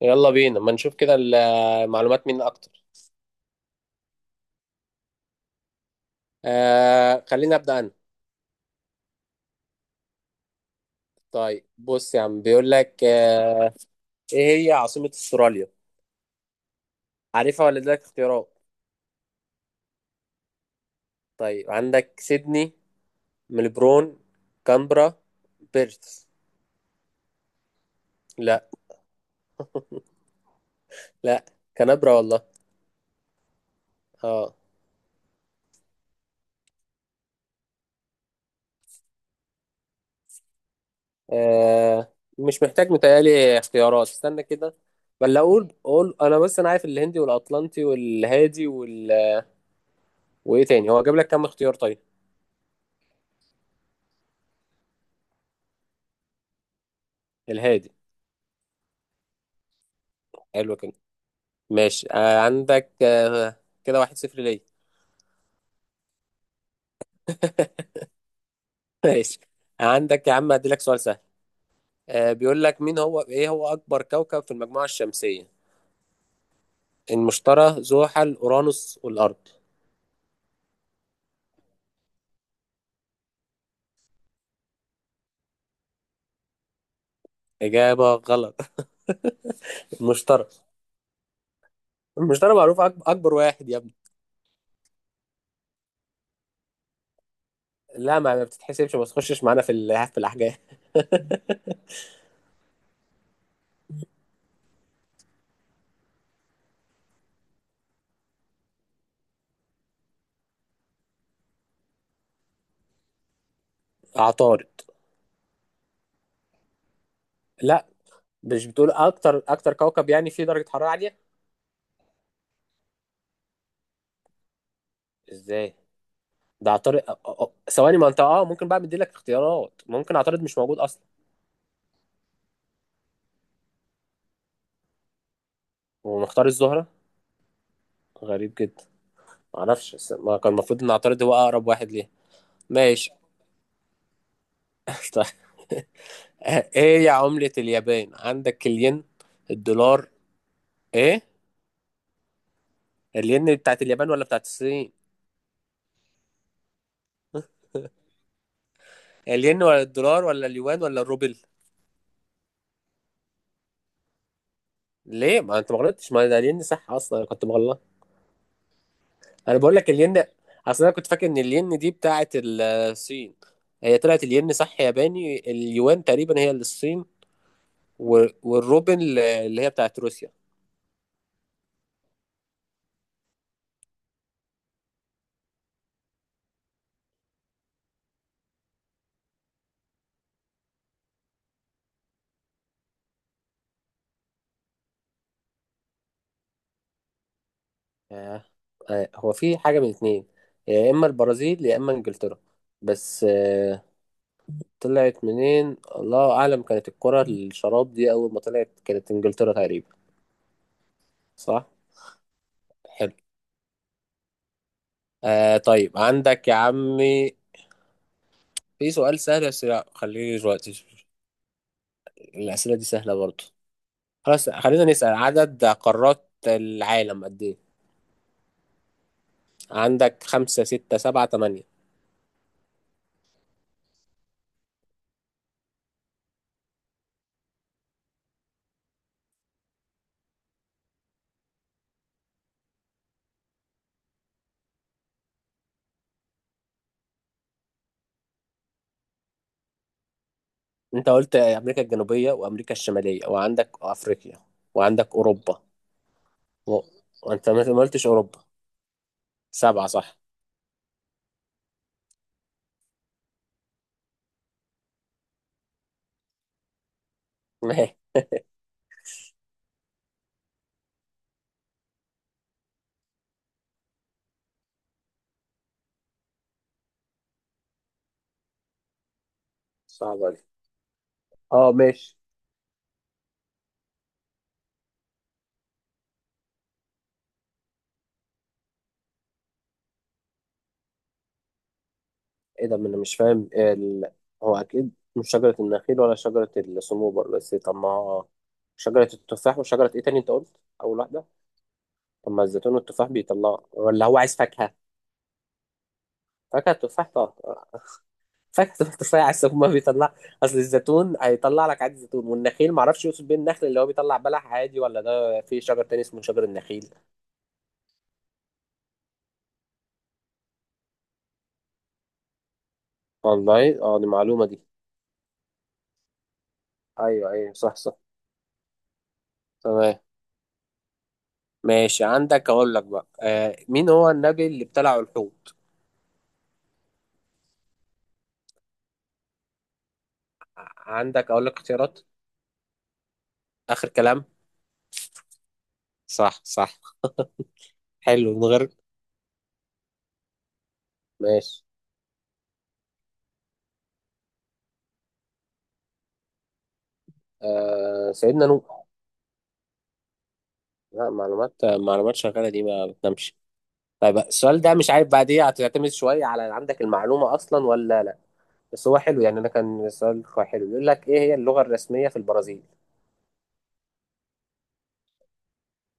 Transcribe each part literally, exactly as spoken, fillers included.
يلا بينا ما نشوف كده المعلومات مين اكتر. آه خلينا ابدا انا. طيب بص يا عم بيقول لك آه ايه هي عاصمة استراليا؟ عارفها ولا اديلك اختيارات؟ طيب عندك سيدني، ملبورن، كامبرا، بيرث. لا. لا، كانبرا والله. اه, آه مش محتاج، متهيألي اختيارات. استنى كده، ولا اقول اقول انا؟ بس انا عارف الهندي والاطلنطي والهادي وال... وايه تاني؟ هو جاب لك كام اختيار طيب؟ الهادي. حلو كده. ماشي. آه عندك. آه كده واحد صفر ليا. ماشي، عندك يا عم، هديلك سؤال سهل. آه بيقول لك مين هو ايه هو اكبر كوكب في المجموعة الشمسية؟ المشتري، زحل، اورانوس، والارض. اجابة غلط. المشتري. المشتري معروف أك- اكبر واحد يا ابني. لا، ما ما بتتحسبش، ما تخشش معانا في ال- في الاحجام. عطارد. لا، مش بتقول اكتر اكتر كوكب يعني فيه درجة حرارة عالية؟ ازاي؟ ده عطارد. أ- أ- أ- ثواني، ما انت اه ممكن بقى، مديلك اختيارات؟ ممكن عطارد مش موجود اصلا؟ ومختار الزهرة؟ غريب جدا. معرفش بس، ما كان المفروض ان اعترض، هو اقرب واحد ليه. ماشي. طيب، ايه يا عملة اليابان؟ عندك الين، الدولار، ايه. الين بتاعت اليابان ولا بتاعت الصين؟ الين ولا الدولار ولا اليوان ولا الروبل؟ ليه؟ ما انت ما غلطتش، ما ده الين صح اصلا، انا كنت مغلط. انا بقول لك الين. اصل انا كنت فاكر ان الين دي بتاعت الصين. هي طلعت الين صح ياباني، اليوان تقريبا هي للصين. و- والروبل اللي هي بتاعت روسيا. آه، آه، هو في حاجة من اتنين، يا إما البرازيل يا إما إنجلترا. بس آه، طلعت منين، الله أعلم. كانت الكرة الشراب دي أول ما طلعت كانت إنجلترا تقريبا. صح؟ حلو. آه طيب عندك يا عمي، في سؤال سهل بس لا، خليني دلوقتي. الأسئلة دي سهلة برضه. خلاص، خلينا نسأل، عدد قارات العالم قد إيه؟ عندك خمسة، ستة، سبعة، تمانية. أنت قلت أمريكا الجنوبية وأمريكا الشمالية وعندك أفريقيا وعندك أوروبا. و- وانت ما ما قلتش اوروبا. سبعة صح. ماشي. صعبة دي. اه ماشي. ايه ده، ما انا مش فاهم ال... هو اكيد مش شجرة النخيل ولا شجرة الصنوبر، بس طب ما شجرة التفاح وشجرة ايه تاني انت قلت اول واحدة؟ طب ما الزيتون والتفاح بيطلع، ولا هو عايز فاكهة؟ فاكهة التفاح طبعا. فاكهة التفاح، عايز هما بيطلع. اصل الزيتون هيطلع لك عادي زيتون، والنخيل معرفش يقصد بيه النخل اللي هو بيطلع بلح عادي، ولا ده في شجر تاني اسمه شجر النخيل. والله اه، دي معلومة دي. ايوه ايوه، صح صح. تمام. ماشي، عندك اقول لك بقى، آه مين هو النبي اللي ابتلعه الحوت؟ عندك اقول لك اختيارات؟ اخر كلام. صح صح. حلو، من غير. ماشي. آه سيدنا نوح. لا، معلومات معلومات شغاله دي ما بتنامش. طيب السؤال ده مش عارف بعد ايه هتعتمد شويه، على عندك المعلومه اصلا ولا لا. بس هو حلو، يعني انا كان السؤال كويس حلو، بيقول لك ايه هي اللغه الرسميه في البرازيل؟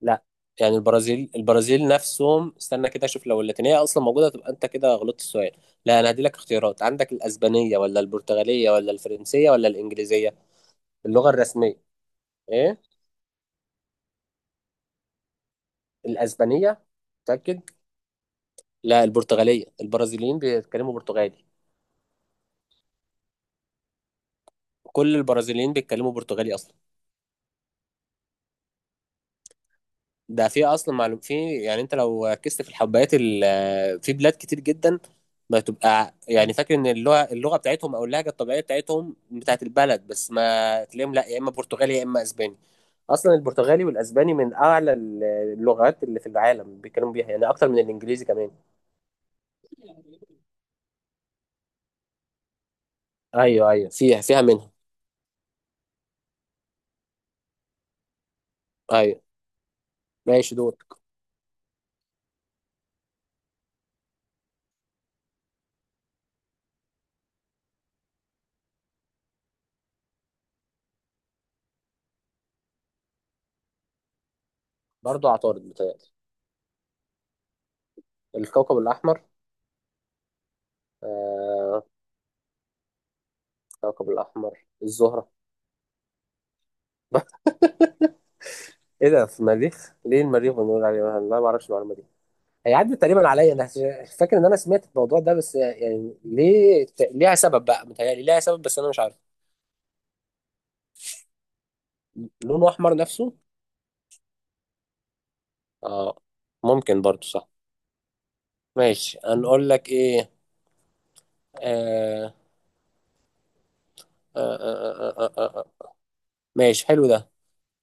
لا، يعني البرازيل البرازيل نفسهم، استنى كده اشوف لو اللاتينيه اصلا موجوده تبقى انت كده غلطت السؤال. لا انا هدي لك اختيارات، عندك الاسبانيه ولا البرتغاليه ولا الفرنسيه ولا الانجليزيه؟ اللغه الرسميه. ايه، الاسبانيه؟ متاكد؟ لا، البرتغاليه، البرازيليين بيتكلموا برتغالي. كل البرازيليين بيتكلموا برتغالي اصلا. ده في اصلا معلوم، في يعني انت لو ركزت في الحبايات ال- في بلاد كتير جدا بتبقى يعني فاكر ان اللغه اللغه بتاعتهم او اللهجه الطبيعيه بتاعتهم بتاعت البلد، بس ما تلاقيهم، لا يا اما برتغالي يا اما اسباني. اصلا البرتغالي والاسباني من اعلى ال- اللغات اللي في العالم بيتكلموا بيها، يعني اكتر من الانجليزي كمان. ايوه ايوه، فيها فيها منها. ايوه. ماشي دول. برضو عطارد بتاعي. الكوكب الاحمر. آه. الكوكب الاحمر الزهره. ايه ده، في المريخ ليه المريخ بنقول عليه؟ انا ما اعرفش المعلومه دي. هي عدت تقريبا عليا انا. فاكر ان انا سمعت الموضوع ده، بس يعني ليه، ليها سبب بقى، متهيألي ليها سبب، بس انا مش عارف. لونه احمر نفسه. اه، ممكن برضو صح. ماشي هنقول لك ايه. آه آه آه آه آه آه. آه، آه. ماشي حلو ده.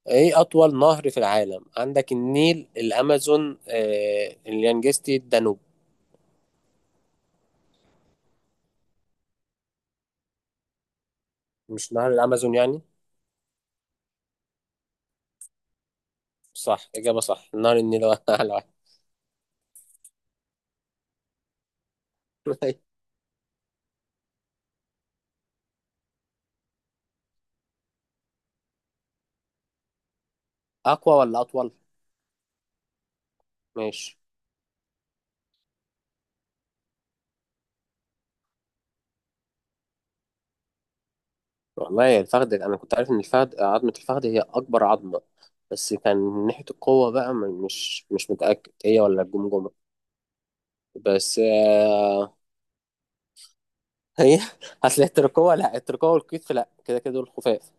ايه اطول نهر في العالم؟ عندك النيل، الامازون، آه اليانجستي، الدانوب. مش نهر الامازون يعني؟ صح، اجابة صح، نهر النيل هو اعلى واحد. اقوى ولا اطول؟ ماشي. والله يا الفخذ، انا كنت عارف ان الفخذ، عظمه الفخذ هي اكبر عظمه، بس كان من ناحيه القوه بقى م- مش مش متاكد هي ولا الجمجمه. بس آه، هي. هتلاقي التركوه، لا التركوه والكتف لا، كده كده دول خفاف.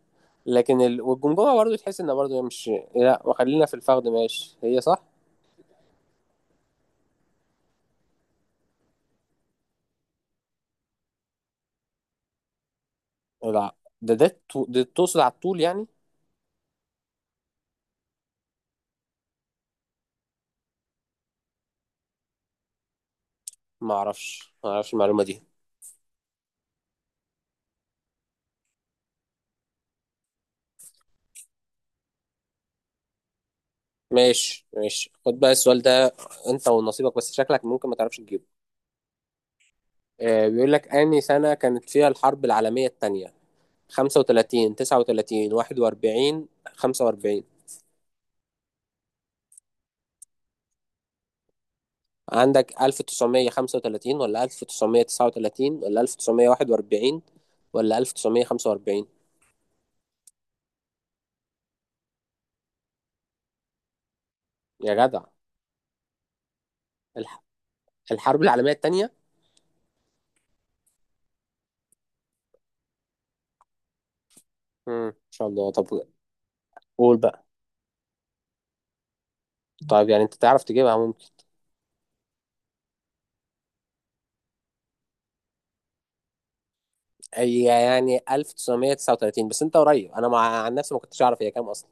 لكن ال... والجمجمه برضه تحس انها برضه مش. لا وخلينا في الفخذ، ماشي هي صح. لا، ده ده, التو- ده تقصد على الطول يعني. ما اعرفش ما اعرفش المعلومه دي. ماشي ماشي خد بقى السؤال ده، انت ونصيبك بس شكلك ممكن ما تعرفش تجيبه. آه، بيقول لك أنهي سنة كانت فيها الحرب العالمية الثانية؟ خمسة وتلاتين، تسعة وتلاتين، واحد واربعين، خمسة واربعين. عندك ألف وتسعمية وخمسة وتلاتين ولا ألف وتسعمية وتسعة وتلاتين ولا ألف وتسعمية وواحد واربعين ولا ألف وتسعمية وخمسة واربعين؟ يا جدع. الح- الحرب العالمية الثانية. امم، ان شاء الله، طب. قول بقى. طيب يعني انت تعرف تجيبها ممكن؟ هي يعني ألف وتسعمية وتسعة وتلاتين، بس انت قريب، انا مع عن نفسي ما كنتش اعرف هي كام اصلا.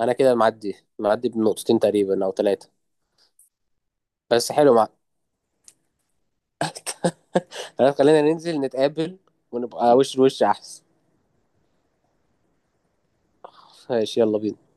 انا كده معدي معدي بنقطتين تقريبا او ثلاثة. بس حلو مع. خلاص خلينا ننزل نتقابل ونبقى وش لوش احسن. ماشي، يلا بينا.